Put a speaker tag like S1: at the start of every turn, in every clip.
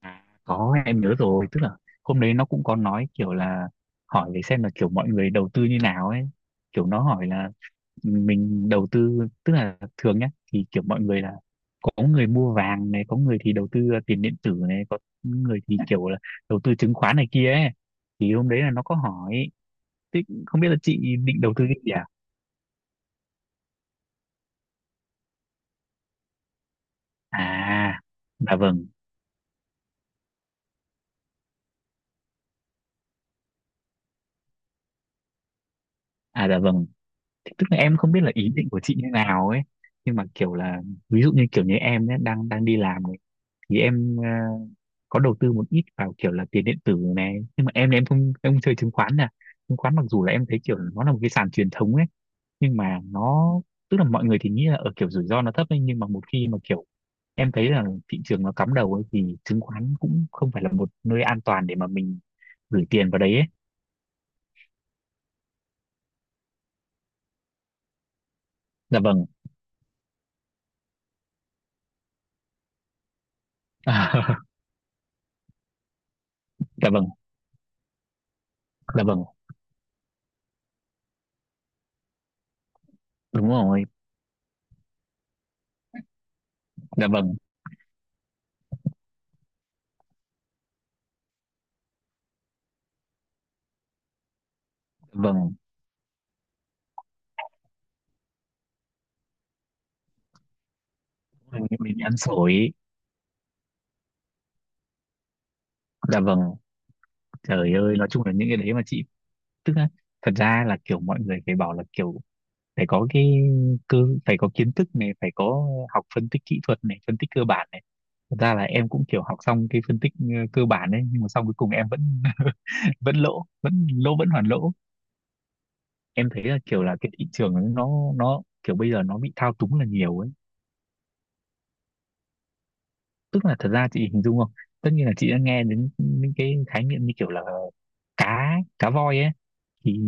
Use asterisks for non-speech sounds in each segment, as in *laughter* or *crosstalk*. S1: À, có em nhớ rồi. Tức là hôm đấy nó cũng có nói kiểu là hỏi để xem là kiểu mọi người đầu tư như nào ấy, kiểu nó hỏi là mình đầu tư, tức là thường nhá thì kiểu mọi người là có người mua vàng này, có người thì đầu tư tiền điện tử này, có người thì kiểu là đầu tư chứng khoán này kia ấy. Thì hôm đấy là nó có hỏi thế không biết là chị định đầu tư cái gì à. À dạ vâng. À dạ vâng. Tức là em không biết là ý định của chị như nào ấy, nhưng mà kiểu là ví dụ như kiểu như em ấy, đang đang đi làm này thì em có đầu tư một ít vào kiểu là tiền điện tử này, nhưng mà em thì em không chơi chứng khoán nè. Chứng khoán mặc dù là em thấy kiểu nó là một cái sàn truyền thống ấy, nhưng mà nó tức là mọi người thì nghĩ là ở kiểu rủi ro nó thấp ấy, nhưng mà một khi mà kiểu em thấy là thị trường nó cắm đầu ấy thì chứng khoán cũng không phải là một nơi an toàn để mà mình gửi tiền vào đấy ấy. Dạ vâng. *laughs* Dạ vâng. Dạ vâng. Đúng rồi. Dạ vâng. Dạ vâng. Mình ăn xổi. Dạ vâng. Trời ơi, nói chung là những cái đấy mà chị tức là thật ra là kiểu mọi người phải bảo là kiểu phải có cái cơ, phải có kiến thức này, phải có học phân tích kỹ thuật này, phân tích cơ bản này. Thật ra là em cũng kiểu học xong cái phân tích cơ bản đấy nhưng mà xong cuối cùng em vẫn *laughs* vẫn lỗ, vẫn lỗ vẫn hoàn lỗ. Em thấy là kiểu là cái thị trường ấy, nó kiểu bây giờ nó bị thao túng là nhiều ấy. Tức là thật ra chị hình dung không, tất nhiên là chị đã nghe đến những cái khái niệm như kiểu là cá cá voi ấy. Thì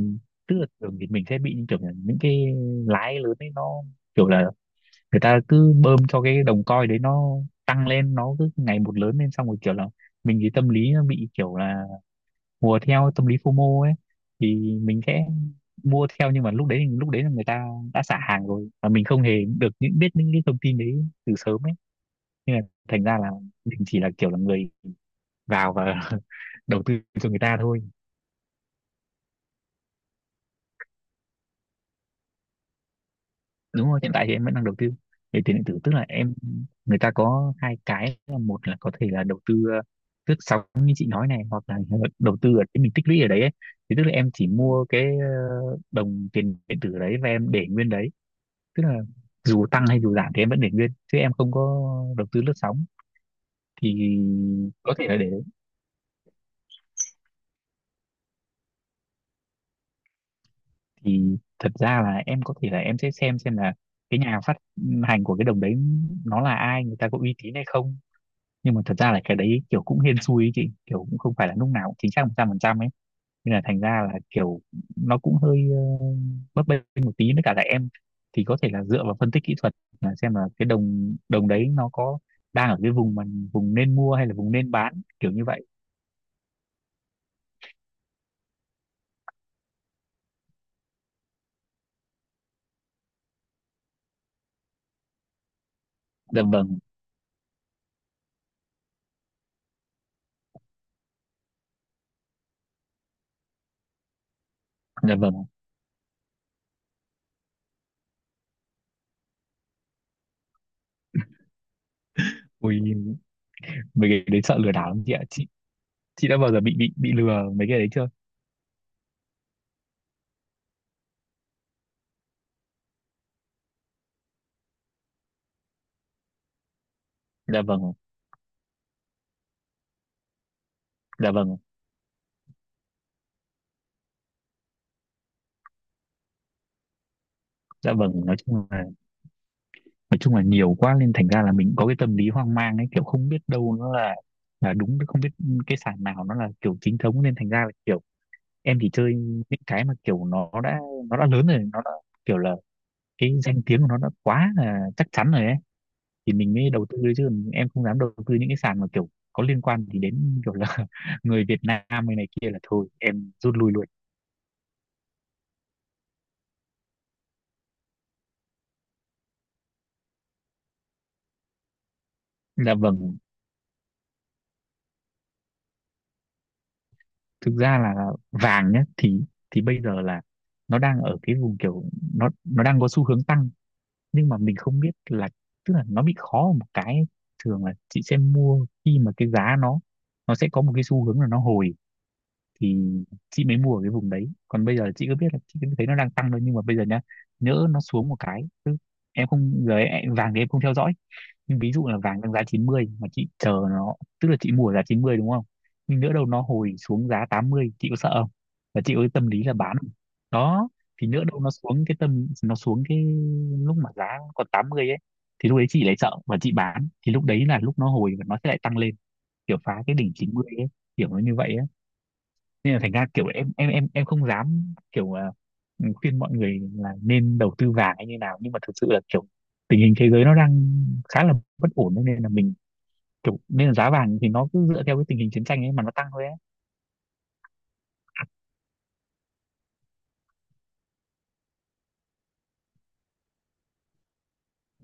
S1: tức là thường thì mình sẽ bị những kiểu là những cái lái lớn ấy, nó kiểu là người ta cứ bơm cho cái đồng coin đấy nó tăng lên, nó cứ ngày một lớn lên, xong rồi kiểu là mình thì tâm lý nó bị kiểu là hùa theo tâm lý FOMO ấy. Thì mình sẽ mua theo nhưng mà lúc đấy là người ta đã xả hàng rồi, và mình không hề được những biết những cái thông tin đấy từ sớm ấy, nên là thành ra là mình chỉ là kiểu là người vào và *laughs* đầu tư cho người ta thôi. Đúng rồi, hiện tại thì em vẫn đang đầu tư về tiền điện tử, tức là em người ta có hai cái là một là có thể là đầu tư lướt sóng như chị nói này, hoặc là *laughs* đầu tư ở cái mình tích lũy ở đấy ấy. Thì tức là em chỉ mua cái đồng tiền điện tử đấy và em để nguyên đấy, tức là dù tăng hay dù giảm thì em vẫn để nguyên chứ em không có đầu tư lướt sóng. Thì có thể là để đấy. Thì thật ra là em có thể là em sẽ xem là cái nhà phát hành của cái đồng đấy nó là ai, người ta có uy tín hay không. Nhưng mà thật ra là cái đấy kiểu cũng hên xui ấy chị, kiểu cũng không phải là lúc nào cũng chính xác 100% ấy. Nên là thành ra là kiểu nó cũng hơi bấp bênh một tí, với cả là em thì có thể là dựa vào phân tích kỹ thuật là xem là cái đồng đồng đấy nó có đang ở cái vùng mà vùng nên mua hay là vùng nên bán kiểu như vậy. Dạ vâng. Dạ vâng. Ui, mấy cái đấy sợ lừa đảo lắm chị ạ. Chị đã bao giờ bị lừa mấy cái đấy chưa? Dạ vâng. Dạ vâng. Dạ vâng. Nói chung là nhiều quá nên thành ra là mình có cái tâm lý hoang mang ấy, kiểu không biết đâu nó là đúng, không biết cái sàn nào nó là kiểu chính thống, nên thành ra là kiểu em chỉ chơi những cái mà kiểu nó đã lớn rồi nó đã kiểu là cái danh tiếng của nó đã quá là chắc chắn rồi ấy. Thì mình mới đầu tư chứ em không dám đầu tư những cái sàn mà kiểu có liên quan thì đến kiểu là *laughs* người Việt Nam hay này kia là thôi em rút lui luôn. Là vâng. Thực ra là vàng nhá thì bây giờ là nó đang ở cái vùng kiểu nó đang có xu hướng tăng. Nhưng mà mình không biết là tức là nó bị khó ở một cái ấy. Thường là chị sẽ mua khi mà cái giá nó sẽ có một cái xu hướng là nó hồi. Thì chị mới mua ở cái vùng đấy, còn bây giờ chị cứ biết là chị cứ thấy nó đang tăng thôi, nhưng mà bây giờ nhá nhỡ nó xuống một cái, em không giờ em, vàng thì em không theo dõi. Nhưng ví dụ là vàng đang giá 90 mà chị chờ nó, tức là chị mua ở giá 90 đúng không, nhưng nữa đâu nó hồi xuống giá 80 chị có sợ không, và chị có cái tâm lý là bán không? Đó. Thì nữa đâu nó xuống cái tâm nó xuống cái lúc mà giá còn 80 ấy, thì lúc đấy chị lại sợ và chị bán thì lúc đấy là lúc nó hồi và nó sẽ lại tăng lên kiểu phá cái đỉnh 90 ấy. Kiểu nó như vậy ấy. Nên là thành ra kiểu em không dám kiểu khuyên mọi người là nên đầu tư vàng hay như nào, nhưng mà thực sự là kiểu tình hình thế giới nó đang khá là bất ổn ấy, nên là mình kiểu nên là giá vàng thì nó cứ dựa theo cái tình hình chiến tranh ấy mà nó tăng thôi ấy.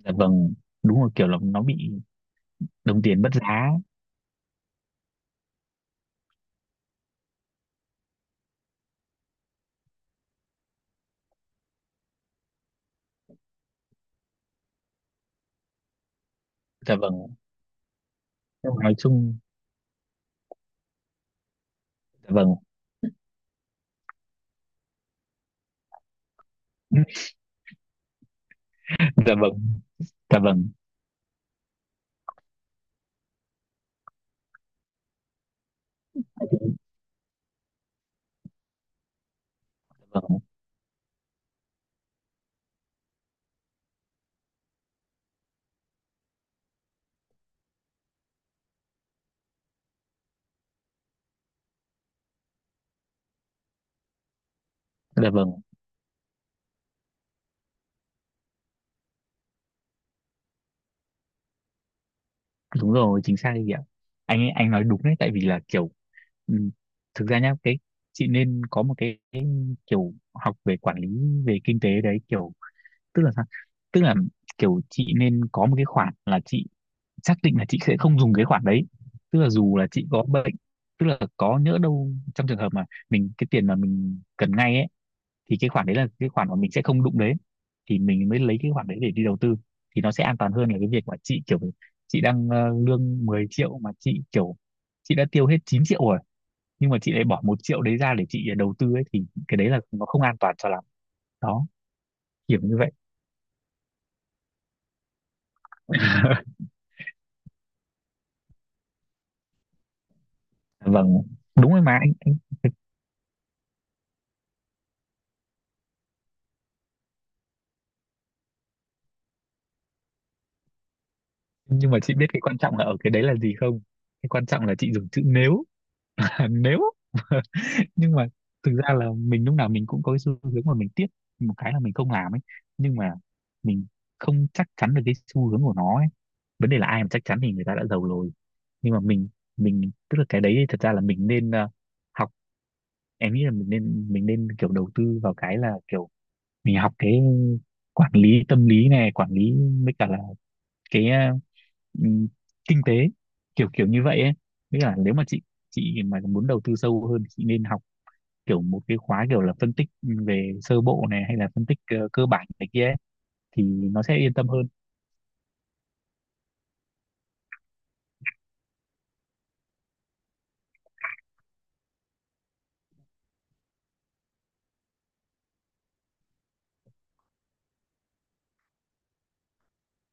S1: Dạ vâng. Đúng rồi, kiểu là nó bị đồng tiền mất giá. Dạ vâng. Nhưng mà nói chung. Dạ vâng. *laughs* Dạ vâng. Dạ vâng. Dạ vâng. Dạ vâng. Đúng rồi, chính xác đấy chị ạ. Anh nói đúng đấy, tại vì là kiểu ừm, thực ra nhá cái chị nên có cái kiểu học về quản lý về kinh tế đấy kiểu, tức là sao, tức là kiểu chị nên có một cái khoản là chị xác định là chị sẽ không dùng cái khoản đấy. Tức là dù là chị có bệnh, tức là có nhỡ đâu trong trường hợp mà mình cái tiền mà mình cần ngay ấy, thì cái khoản đấy là cái khoản mà mình sẽ không đụng đến. Thì mình mới lấy cái khoản đấy để đi đầu tư, thì nó sẽ an toàn hơn là cái việc mà chị kiểu chị đang lương 10 triệu mà chị kiểu chị đã tiêu hết 9 triệu rồi, nhưng mà chị lại bỏ 1 triệu đấy ra để chị đầu tư ấy thì cái đấy là nó không an toàn cho lắm. Đó, kiểu như vậy. *laughs* Vâng, đúng rồi mà anh. Nhưng mà chị biết cái quan trọng là ở cái đấy là gì không? Cái quan trọng là chị dùng chữ nếu. *laughs* Nếu. Nhưng mà thực ra là mình lúc nào mình cũng có cái xu hướng mà mình tiếc một cái là mình không làm ấy, nhưng mà mình không chắc chắn được cái xu hướng của nó ấy, vấn đề là ai mà chắc chắn thì người ta đã giàu rồi. Nhưng mà mình tức là cái đấy thật ra là mình nên học, em nghĩ là mình nên kiểu đầu tư vào cái là kiểu mình học cái quản lý tâm lý này, quản lý với cả là cái ừm, kinh tế kiểu kiểu như vậy ấy, với cả nếu mà chị mà muốn đầu tư sâu hơn thì chị nên học kiểu một cái khóa kiểu là phân tích về sơ bộ này hay là phân tích cơ bản này kia ấy, thì nó sẽ yên tâm hơn.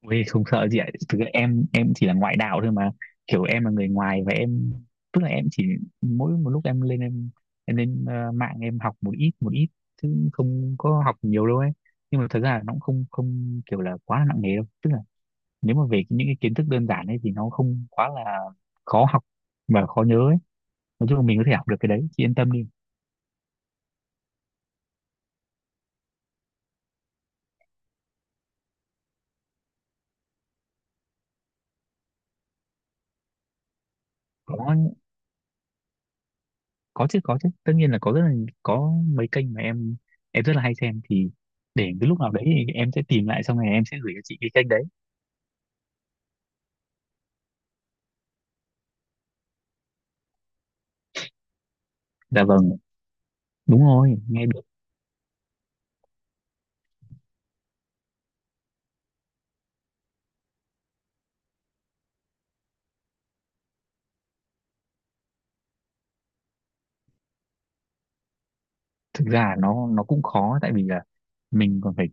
S1: Ui, không sợ gì ạ, thực ra em chỉ là ngoại đạo thôi mà, kiểu em là người ngoài và em tức là em chỉ mỗi một lúc em lên mạng em học một ít chứ không có học nhiều đâu ấy. Nhưng mà thật ra là nó cũng không không kiểu là quá là nặng nề đâu, tức là nếu mà về những cái kiến thức đơn giản ấy thì nó không quá là khó học và khó nhớ ấy. Nói chung là mình có thể học được cái đấy chị yên tâm đi. Có, có chứ tất nhiên là có, rất là có mấy kênh mà em rất là hay xem thì để cái lúc nào đấy thì em sẽ tìm lại xong rồi em sẽ gửi cho chị cái kênh đấy. Dạ vâng. Đúng rồi, nghe được. Thực ra là nó cũng khó tại vì là mình còn phải,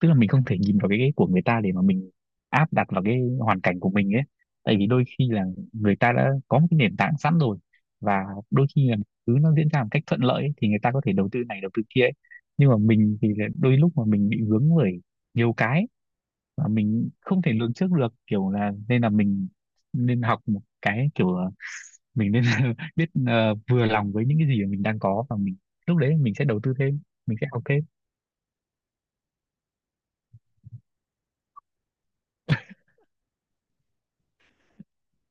S1: tức là mình không thể nhìn vào cái của người ta để mà mình áp đặt vào cái hoàn cảnh của mình ấy, tại vì đôi khi là người ta đã có một cái nền tảng sẵn rồi, và đôi khi là thứ nó diễn ra một cách thuận lợi ấy, thì người ta có thể đầu tư này đầu tư kia ấy. Nhưng mà mình thì là đôi lúc mà mình bị vướng bởi nhiều cái mà mình không thể lường trước được kiểu là, nên là mình nên học một cái kiểu là mình nên *laughs* biết vừa lòng với những cái gì mà mình đang có, và mình lúc đấy mình sẽ đầu tư thêm, mình sẽ học thêm.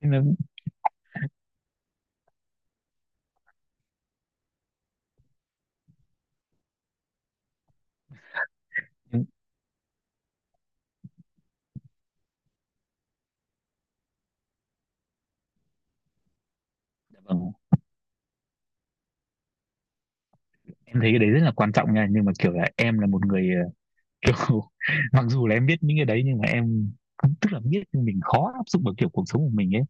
S1: Nên là, vâng, em thấy cái đấy rất là quan trọng nha, nhưng mà kiểu là em là một người *laughs* kiểu mặc dù là em biết những cái đấy nhưng mà em cũng tức là biết nhưng mình khó áp dụng vào kiểu cuộc sống của mình ấy.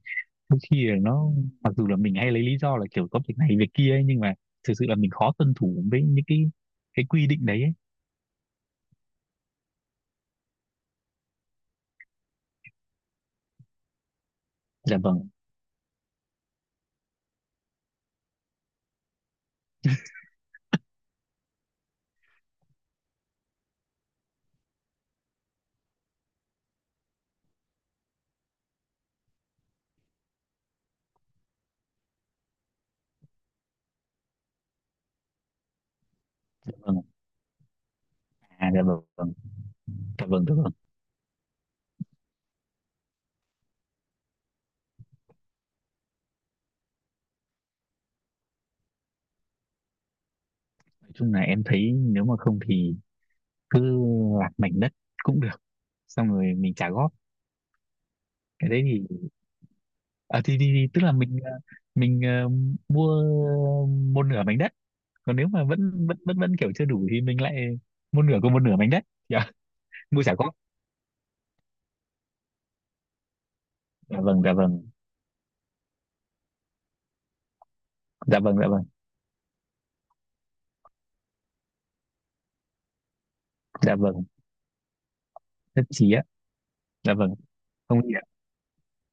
S1: Đôi khi là nó mặc dù là mình hay lấy lý do là kiểu có việc này việc kia ấy nhưng mà thực sự là mình khó tuân thủ với những cái quy định đấy ấy. Dạ vâng, dạ vâng. À dạ vâng, vâng. Dạ vâng, dạ vâng. Nói chung là em thấy nếu mà không thì cứ lạc mảnh đất cũng được, xong rồi mình trả góp. Cái đấy thì thì tức là mình mình mua một nửa mảnh đất, còn nếu mà vẫn vẫn vẫn vẫn kiểu chưa đủ thì mình lại mua nửa của một nửa mảnh đất. Dạ. *laughs* Mua trả góp. Dạ vâng, dạ vâng, dạ vâng, dạ vâng, dạ vâng, nhất trí á. Dạ vâng, không